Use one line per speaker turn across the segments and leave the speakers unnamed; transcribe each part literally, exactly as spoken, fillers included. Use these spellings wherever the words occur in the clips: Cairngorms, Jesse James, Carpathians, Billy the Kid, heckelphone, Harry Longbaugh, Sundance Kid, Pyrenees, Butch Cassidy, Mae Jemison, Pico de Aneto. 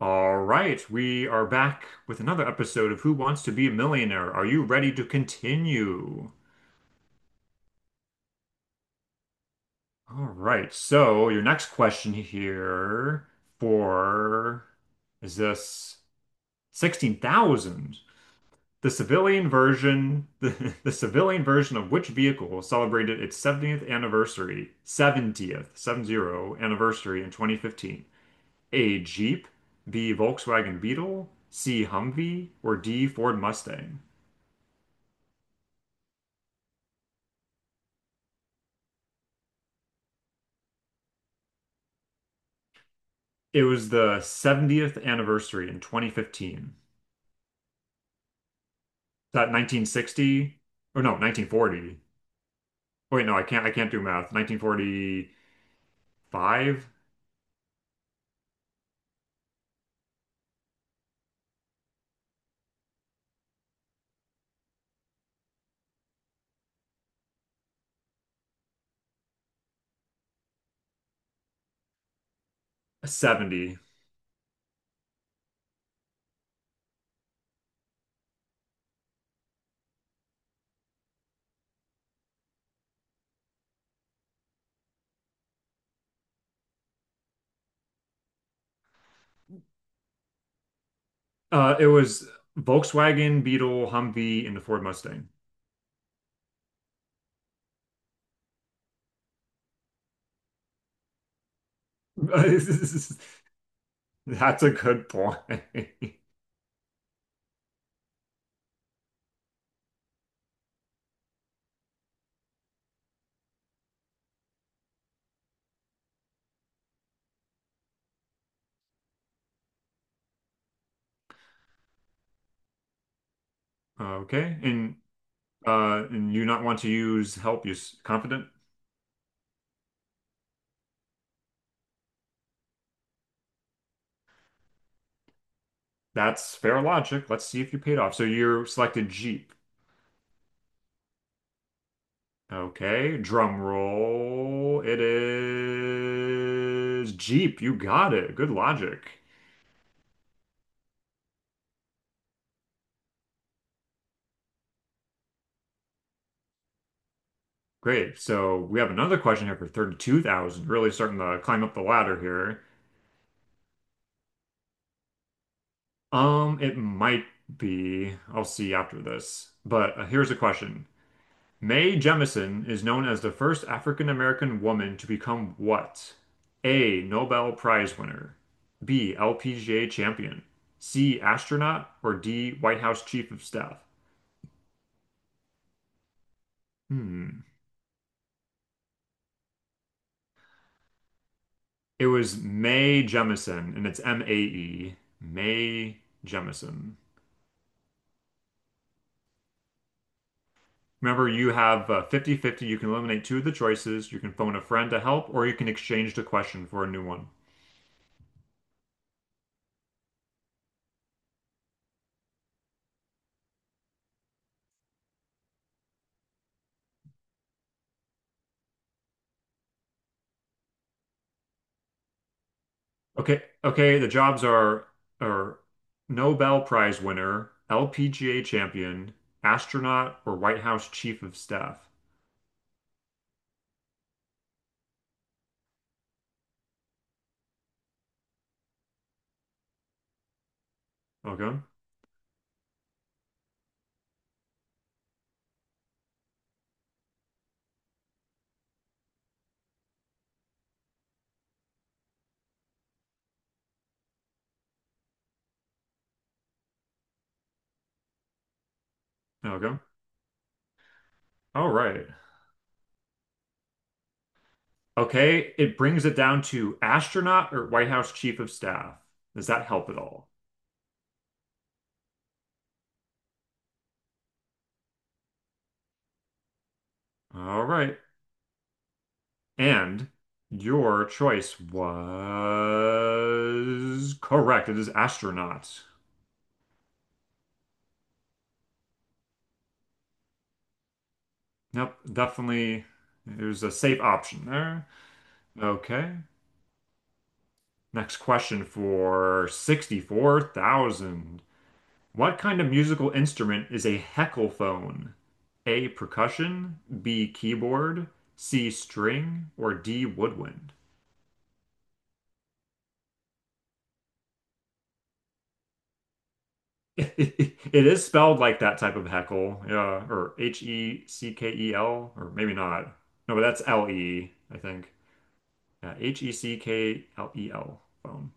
All right, we are back with another episode of Who Wants to Be a Millionaire? Are you ready to continue? All right, so your next question here for is this sixteen thousand? The civilian version, the, the civilian version of which vehicle celebrated its seventieth anniversary, seventieth, seventieth anniversary in twenty fifteen? A Jeep, B Volkswagen Beetle, C Humvee, or D Ford Mustang? It was the seventieth anniversary in twenty fifteen. That nineteen sixty or no, nineteen forty. Wait, no, I can't I can't do math. nineteen forty-five, seventy. Uh it was Volkswagen, Beetle, Humvee, and the Ford Mustang. That's a good point. Okay. And uh and you not want to use help, use confident. That's fair logic. Let's see if you paid off. So you selected Jeep. Okay, drum roll. It is Jeep. You got it. Good logic. Great. So we have another question here for thirty-two thousand. Really starting to climb up the ladder here. Um, it might be. I'll see after this. But uh, here's a question. Mae Jemison is known as the first African American woman to become what? A. Nobel Prize winner. B. L P G A champion. C. Astronaut. Or D. White House Chief of Staff. Hmm. It was Mae Jemison, and it's M A E, Mae Jemison. Remember, you have uh, 50 fifty. You can eliminate two of the choices. You can phone a friend to help, or you can exchange the question for a new one. Okay, okay, the jobs are are Nobel Prize winner, L P G A champion, astronaut, or White House chief of staff. Okay, okay. All right. Okay, it brings it down to astronaut or White House chief of staff. Does that help at all? All right. And your choice was correct. It is astronaut. Yep, definitely. It was a safe option there. Okay. Next question for sixty-four thousand. What kind of musical instrument is a heckelphone? A percussion, B keyboard, C string, or D woodwind? It is spelled like that type of heckle, yeah, or H E C K E L, or maybe not. No, but that's L E, I think. Yeah, H E C K E L E L, phone.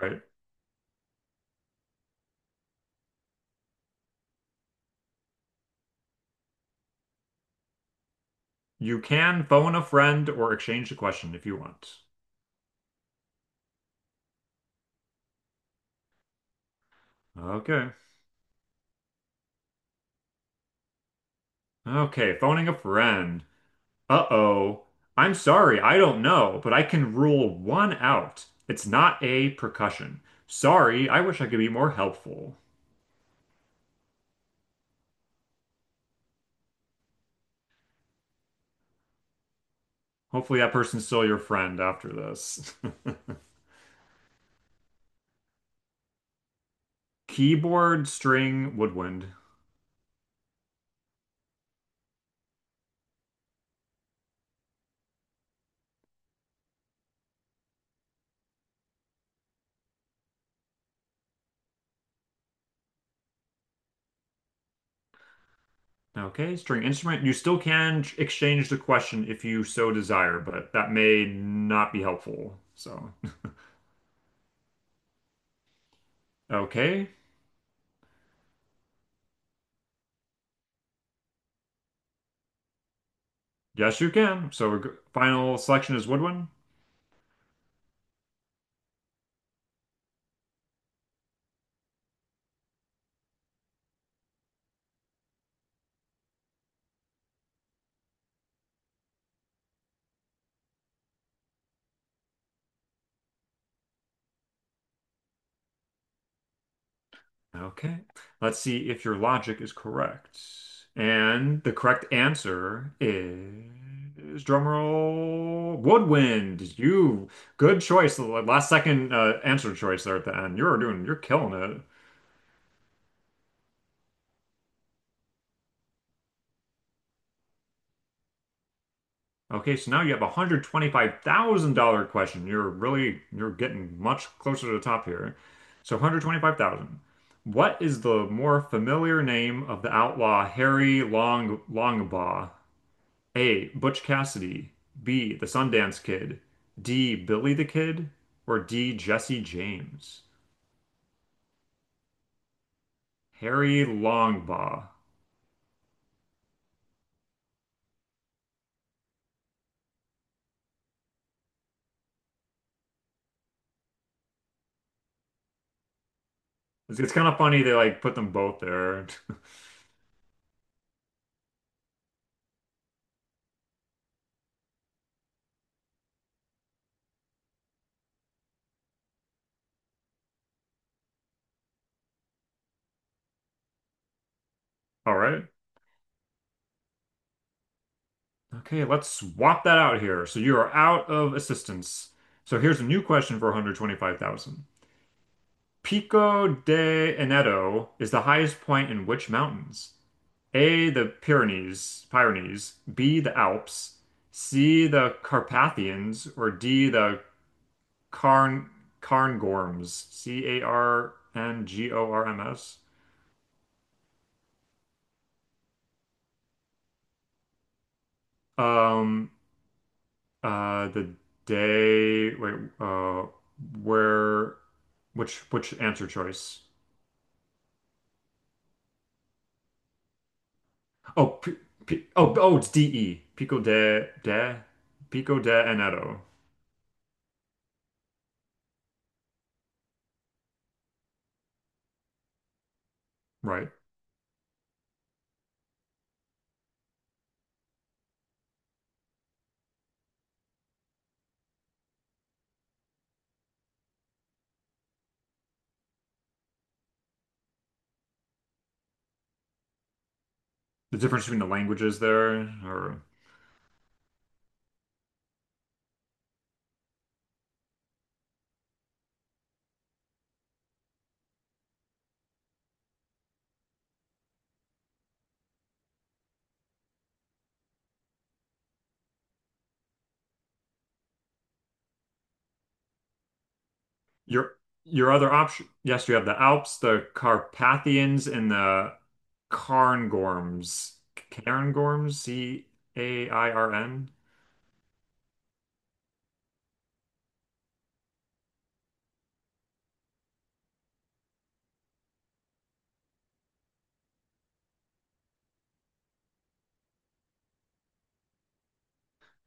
Right. You can phone a friend or exchange a question if you want. Okay. Okay, phoning a friend. Uh-oh. I'm sorry, I don't know, but I can rule one out. It's not a percussion. Sorry, I wish I could be more helpful. Hopefully that person's still your friend after this. Keyboard, string, woodwind. Okay, string instrument. You still can exchange the question if you so desire, but that may not be helpful. So, okay. Yes, you can. So, we're final selection is woodwind. Okay. Let's see if your logic is correct. And the correct answer is drumroll woodwind. You Good choice. The last second uh, answer choice there at the end. You're doing, you're killing it. Okay, so now you have a one hundred twenty-five thousand dollar question. You're really you're getting much closer to the top here. So one hundred twenty-five thousand dollars. What is the more familiar name of the outlaw Harry Long Longbaugh? A. Butch Cassidy. B. The Sundance Kid. D. Billy the Kid. Or D. Jesse James. Harry Longbaugh. It's, it's kind of funny they like put them both there. All right. Okay, let's swap that out here. So you are out of assistance. So here's a new question for one hundred twenty-five thousand. Pico de Aneto is the highest point in which mountains? A, the Pyrenees, Pyrenees, B, the Alps, C, the Carpathians, or D, the Carn Cairngorms, C A R N G O R M S. Um, Uh, the day. Wait. Uh, where? Which which answer choice? Oh, p p oh oh, it's D E. Pico de de Pico de Aneto. Right. The difference between the languages there, or your your other option. Yes, you have the Alps, the Carpathians, and the Cairngorms. Cairngorms. C A I R N.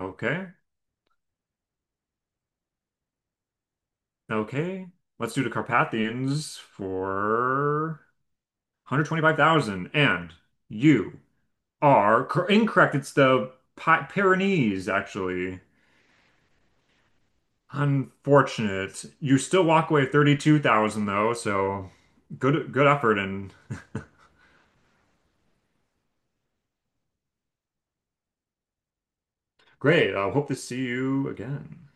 Okay. Okay. Let's do the Carpathians for one hundred twenty-five thousand. And you are cor incorrect. It's the Pi Pyrenees, actually. Unfortunate. You still walk away thirty-two thousand though, so good good effort and great. I hope to see you again.